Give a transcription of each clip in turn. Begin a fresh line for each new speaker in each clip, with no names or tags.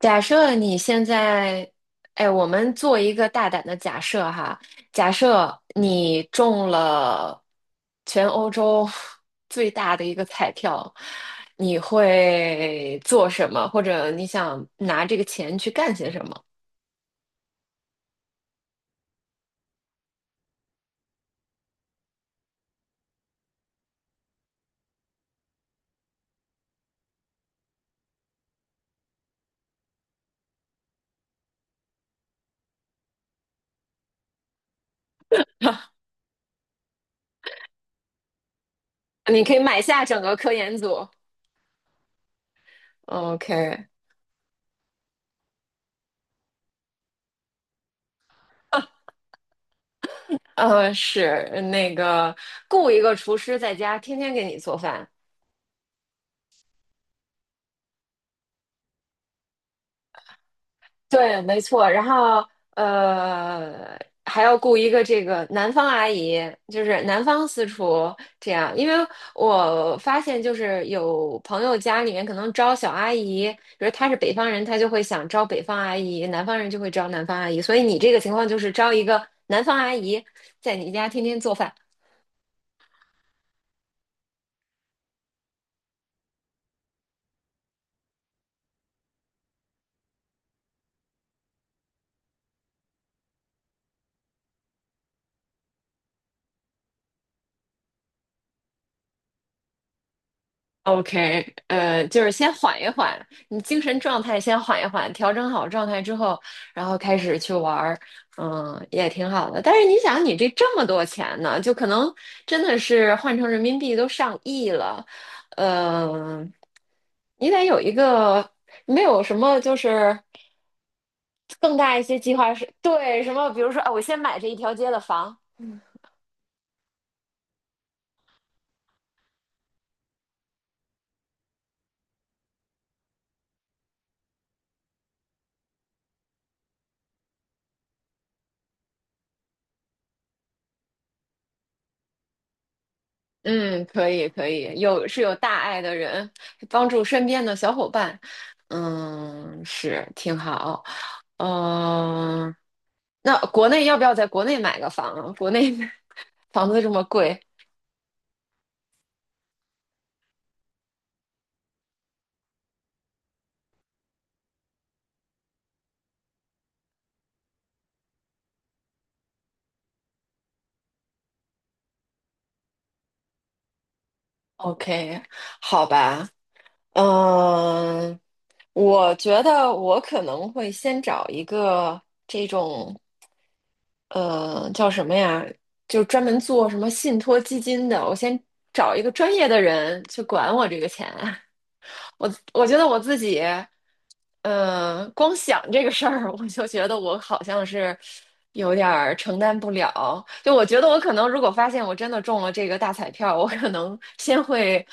假设你现在，哎，我们做一个大胆的假设哈，假设你中了全欧洲 最大的一个彩票，你会做什么？或者你想拿这个钱去干些什么？你可以买下整个科研组。OK，是那个雇一个厨师在家天天给你做饭，对，没错。然后呃，还要雇一个这个南方阿姨，就是南方私厨这样。因为我发现，就是有朋友家里面可能招小阿姨，比如他是北方人，他就会想招北方阿姨；南方人就会招南方阿姨。所以你这个情况就是招一个南方阿姨，在你家天天做饭。OK，就是先缓一缓，你精神状态先缓一缓，调整好状态之后，然后开始去玩儿，嗯，也挺好的。但是你想，你这么多钱呢，就可能真的是换成人民币都上亿了，嗯、你得有一个没有什么就是更大一些计划是，对，什么，比如说，啊，我先买这一条街的房，嗯，可以可以，有是有大爱的人，帮助身边的小伙伴，嗯，是挺好。嗯、那国内要不要在国内买个房啊？国内 房子这么贵，OK，好吧。嗯、我觉得我可能会先找一个这种，叫什么呀？就专门做什么信托基金的，我先找一个专业的人去管我这个钱。我觉得我自己，嗯，光想这个事儿，我就觉得我好像是有点儿承担不了。就我觉得我可能，如果发现我真的中了这个大彩票，我可能先会，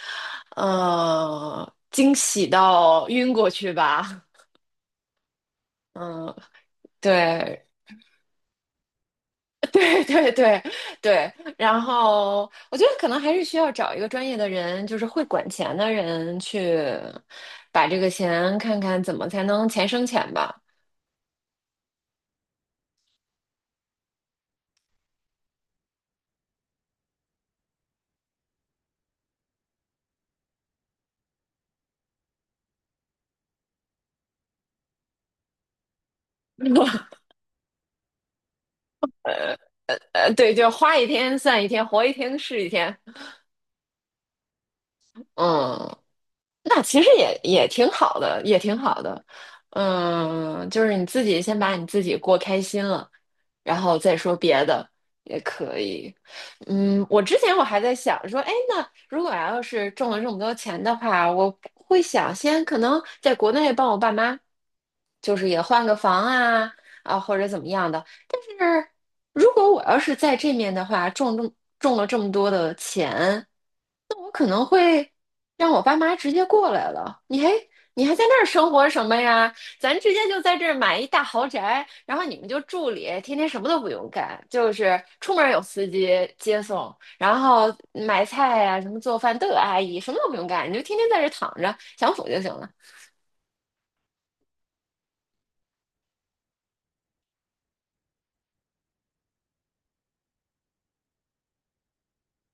惊喜到晕过去吧。嗯，对，对，对，对，对。然后我觉得可能还是需要找一个专业的人，就是会管钱的人去把这个钱看看怎么才能钱生钱吧。对，就花一天算一天，活一天是一天。嗯，那其实也也挺好的，也挺好的。嗯，就是你自己先把你自己过开心了，然后再说别的也可以。嗯，我之前我还在想说，哎，那如果要是中了这么多钱的话，我会想先可能在国内帮我爸妈，就是也换个房啊或者怎么样的。但是如果我要是在这面的话，中了这么多的钱。我可能会让我爸妈直接过来了。你还你还在那儿生活什么呀？咱直接就在这儿买一大豪宅，然后你们就住里，天天什么都不用干，就是出门有司机接送，然后买菜呀、什么做饭都有阿姨，什么都不用干，你就天天在这儿躺着享福就行了。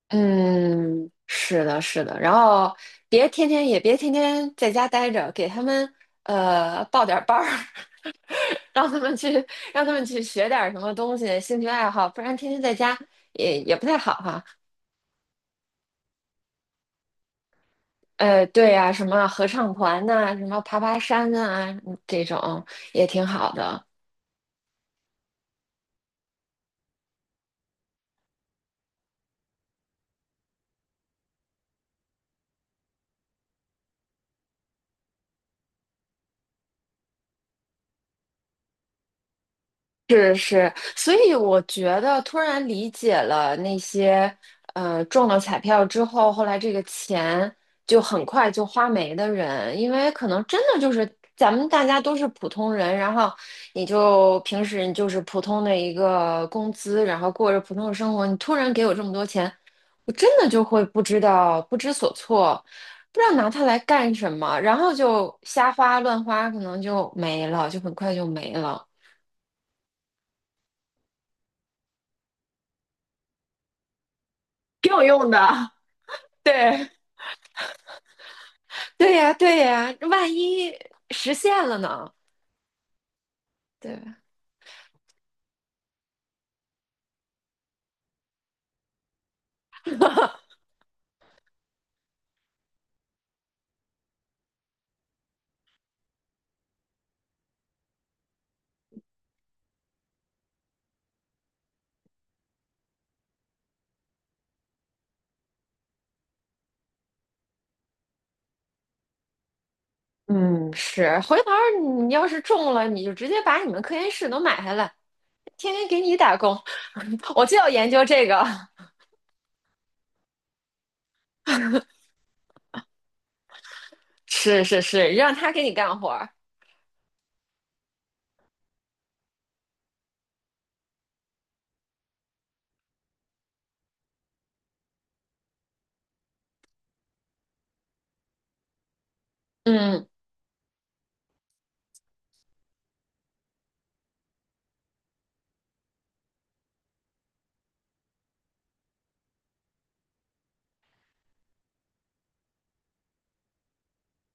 嗯，是的，是的，然后别天天在家待着，给他们报点儿班儿，让他们去让他们去学点儿什么东西，兴趣爱好，不然天天在家也也不太好哈、对呀、什么合唱团呐、什么爬山啊，嗯这种也挺好的。是是，所以我觉得突然理解了那些中了彩票之后，后来这个钱就很快就花没的人，因为可能真的就是咱们大家都是普通人，然后你就平时你就是普通的一个工资，然后过着普通的生活，你突然给我这么多钱，我真的就会不知道不知所措，不知道拿它来干什么，然后就瞎花乱花，可能就没了，就很快就没了。挺有用的，对，对呀，对呀，万一实现了呢？对，嗯，是。回头儿你要是中了，你就直接把你们科研室都买下来，天天给你打工。我就要研究这个，是是是，让他给你干活儿嗯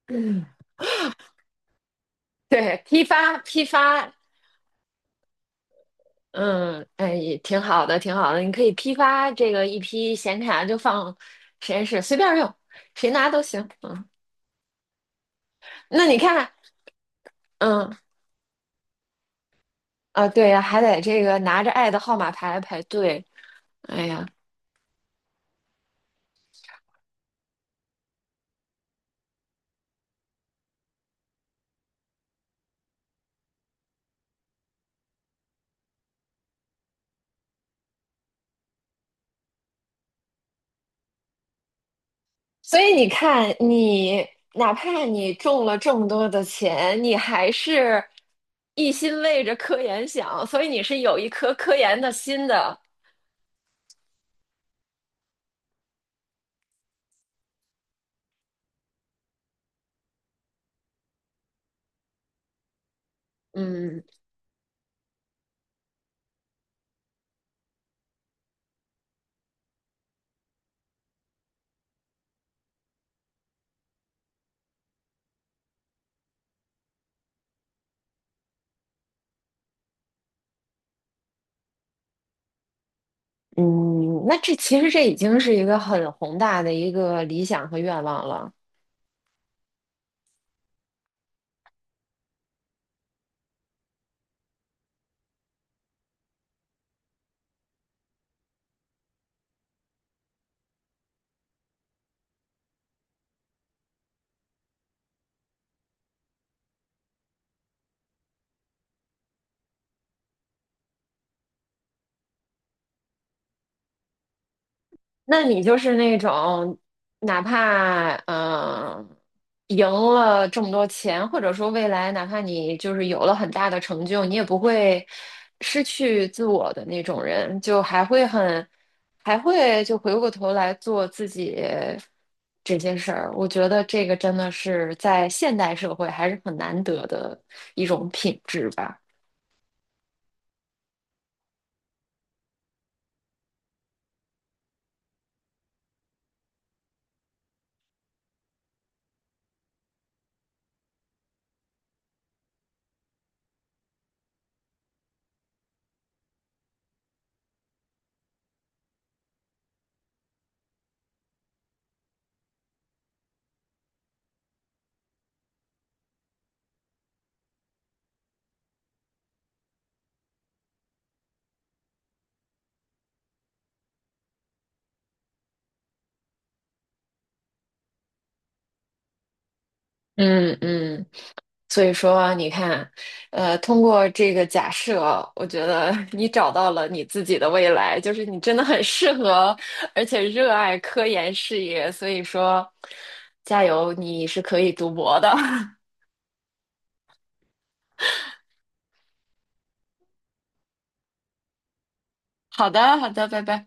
嗯，对，批发批发，嗯，哎，也挺好的，挺好的。你可以批发这个一批显卡，就放实验室随便用，谁拿都行。嗯，那你看，嗯，啊，对呀，还得这个拿着爱的号码牌来排队。哎呀，所以你看，你哪怕你中了这么多的钱，你还是一心为着科研想，所以你是有一颗科研的心的。嗯嗯，那这其实这已经是一个很宏大的一个理想和愿望了。那你就是那种，哪怕嗯、赢了这么多钱，或者说未来哪怕你就是有了很大的成就，你也不会失去自我的那种人，就还会很，还会就回过头来做自己这些事儿。我觉得这个真的是在现代社会还是很难得的一种品质吧。嗯嗯。所以说，你看，通过这个假设，我觉得 你找到了你自己的未来，就是你真的很适合，而且热爱科研事业。所以说，加油，你是可以读博的。好的，好的，拜拜。